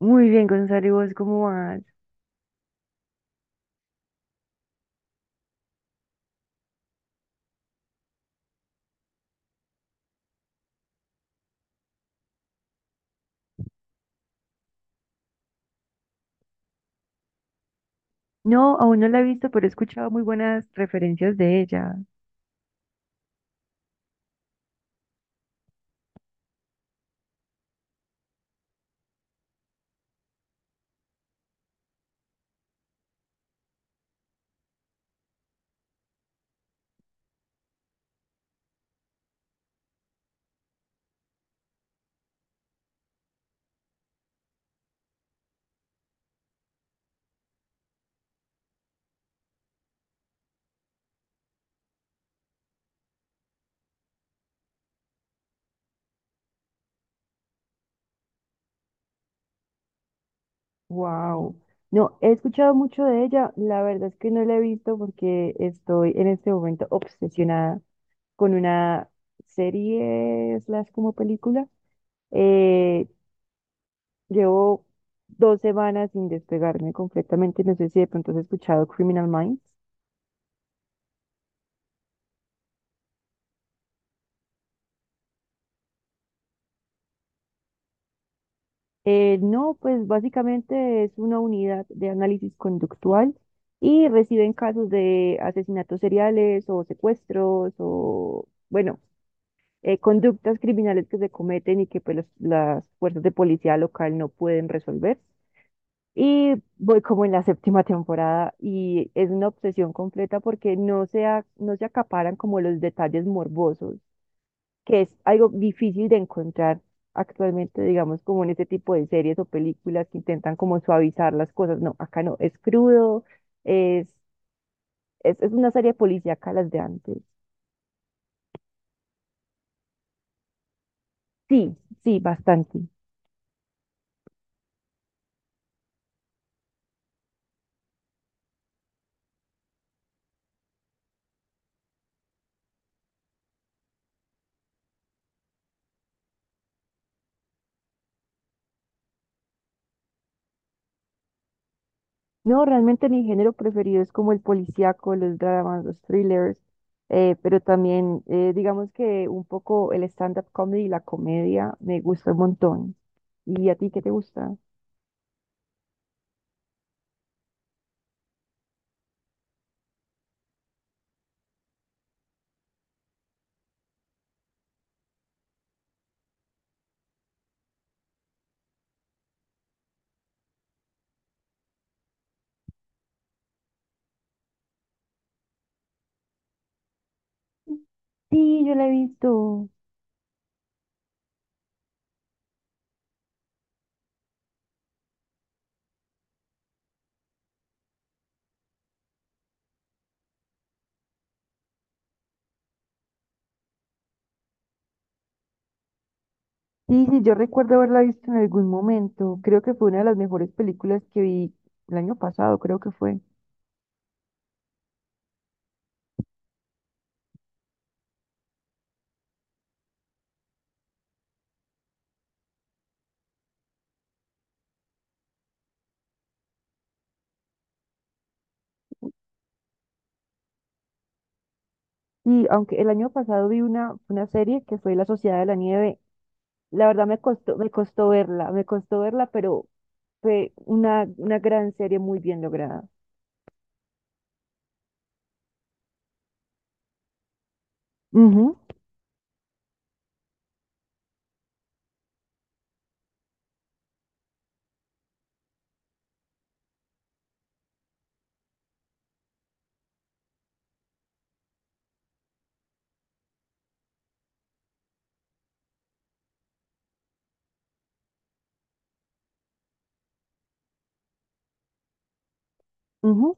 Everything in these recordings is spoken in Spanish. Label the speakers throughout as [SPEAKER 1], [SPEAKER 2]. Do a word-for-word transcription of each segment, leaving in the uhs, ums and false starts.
[SPEAKER 1] Muy bien, Gonzalo, ¿y vos cómo vas? No, aún no la he visto, pero he escuchado muy buenas referencias de ella. Wow. No, he escuchado mucho de ella. La verdad es que no la he visto porque estoy en este momento obsesionada con una serie slash como película. Eh, Llevo dos semanas sin despegarme completamente. No sé si de pronto has escuchado Criminal Minds. Eh, no, pues básicamente es una unidad de análisis conductual y reciben casos de asesinatos seriales o secuestros o, bueno, eh, conductas criminales que se cometen y que pues, los- las fuerzas de policía local no pueden resolver. Y voy como en la séptima temporada y es una obsesión completa porque no se, a- no se acaparan como los detalles morbosos, que es algo difícil de encontrar actualmente, digamos, como en este tipo de series o películas que intentan como suavizar las cosas. No, acá no, es crudo, es, es, es una serie policíaca las de antes. Sí, sí, bastante. No, realmente mi género preferido es como el policíaco, los dramas, los thrillers, eh, pero también eh, digamos que un poco el stand-up comedy y la comedia me gusta un montón. ¿Y a ti qué te gusta? Sí, yo la he visto. Sí, sí, yo recuerdo haberla visto en algún momento. Creo que fue una de las mejores películas que vi el año pasado, creo que fue. Y aunque el año pasado vi una, una serie que fue La Sociedad de la Nieve, la verdad me costó, me costó verla, me costó verla, pero fue una, una gran serie muy bien lograda. Ujú, ujú,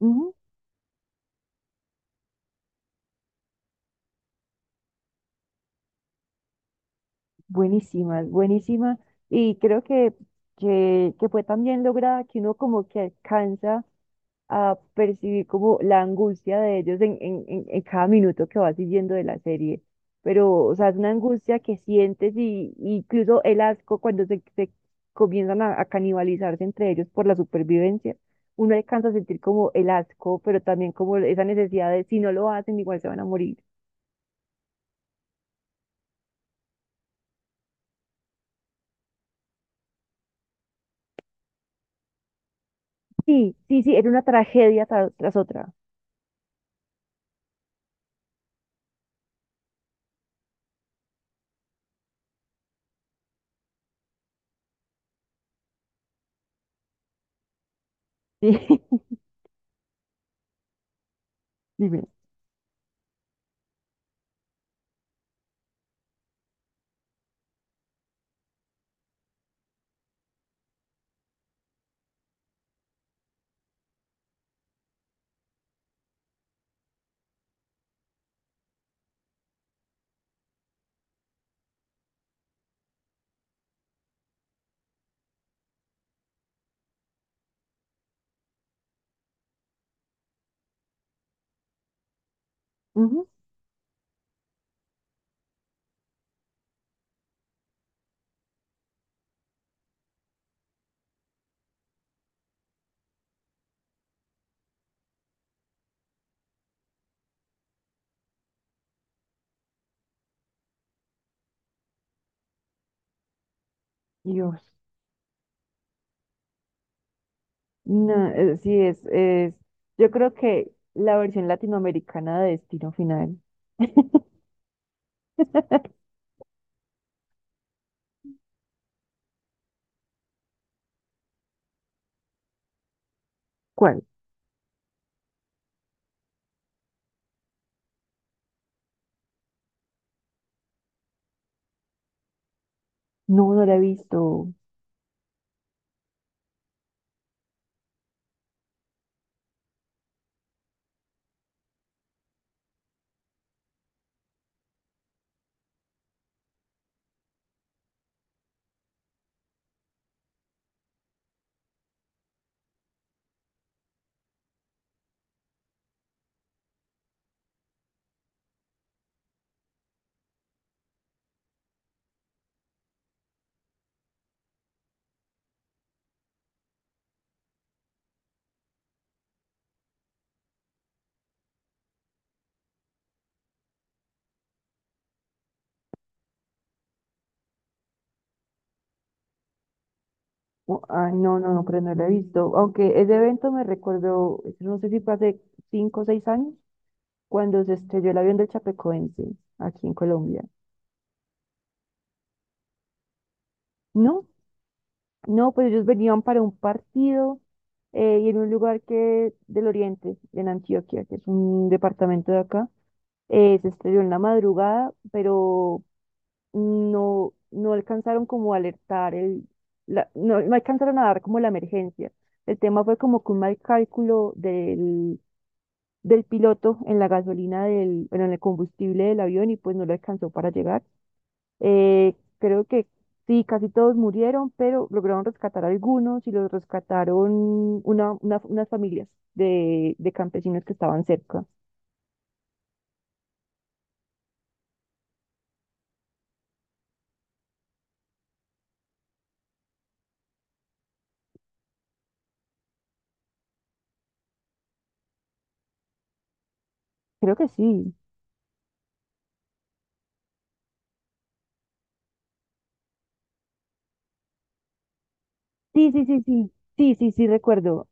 [SPEAKER 1] ujú. Buenísima, buenísima. Y creo que, que, que fue tan bien lograda que uno como que alcanza a percibir como la angustia de ellos en, en, en- en cada minuto que vas siguiendo de la serie. Pero, o sea, es una angustia que sientes y, y incluso el asco cuando se, se comienzan a, a canibalizarse entre ellos por la supervivencia. Uno alcanza a sentir como el asco, pero también como esa necesidad de si no lo hacen, igual se van a morir. Sí, sí, sí, era una tragedia tra- tras, otra. Sí, dime. Ujú. Dios. No, eh, sí es, es. Yo creo que la versión latinoamericana de Destino Final. ¿Cuál? No, no la he visto. Oh, ah, no, no, no, pero no la he visto. Aunque ese evento me recordó, no sé si fue hace cinco o seis años, cuando se estrelló el avión del Chapecoense aquí en Colombia. No, no, pues ellos venían para un partido, eh, y en un lugar que del Oriente, en Antioquia, que es un departamento de acá, eh, se estrelló en la madrugada, pero no, no alcanzaron como a alertar el, la- no, no alcanzaron a dar como la emergencia. El tema fue como que un mal cálculo del, del piloto en la gasolina del, bueno, en el combustible del avión y pues no lo alcanzó para llegar. Eh, creo que sí, casi todos murieron, pero lograron rescatar algunos y los rescataron una, una- unas familias de, de campesinos que estaban cerca. Creo que sí. Sí, sí, sí, sí. Sí, sí, sí, recuerdo.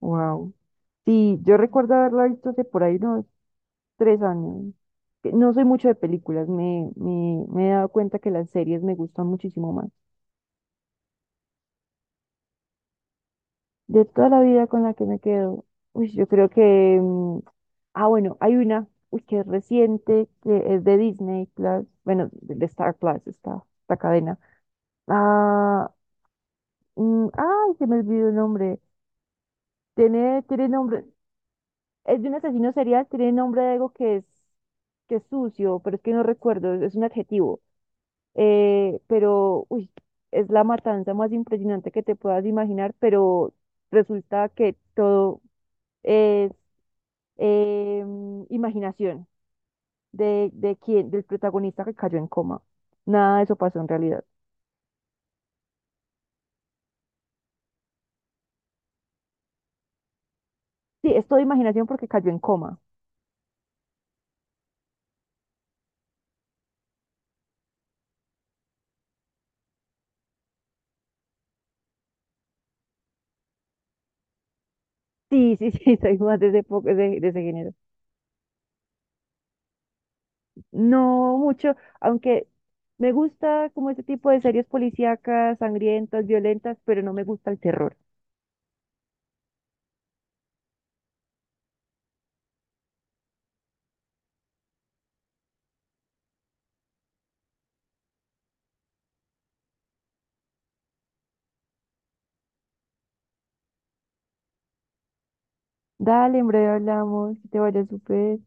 [SPEAKER 1] Wow. Sí, yo recuerdo haberla visto hace por ahí unos tres años. Que no soy mucho de películas, me, me, me he dado cuenta que las series me gustan muchísimo más. De toda la vida con la que me quedo, uy, yo creo que... mm, ah, bueno, hay una, uy, que es reciente, que es de Disney Plus, bueno, de de Star Plus, esta, esta cadena. Ah, mm, ay, se me olvidó el nombre. Tiene, tiene nombre. Es de un asesino serial, tiene nombre de algo que es, que es sucio, pero es que no recuerdo, es un adjetivo. Eh, pero, uy, es la matanza más impresionante que te puedas imaginar, pero resulta que todo es em, imaginación de, de quién, del protagonista que cayó en coma. Nada de eso pasó en realidad. Sí, es todo imaginación porque cayó en coma. Sí, sí, sí, soy más de ese, po- de, de ese género. No mucho, aunque me gusta como este tipo de series policíacas, sangrientas, violentas, pero no me gusta el terror. Dale, en breve hablamos, que te vaya súper.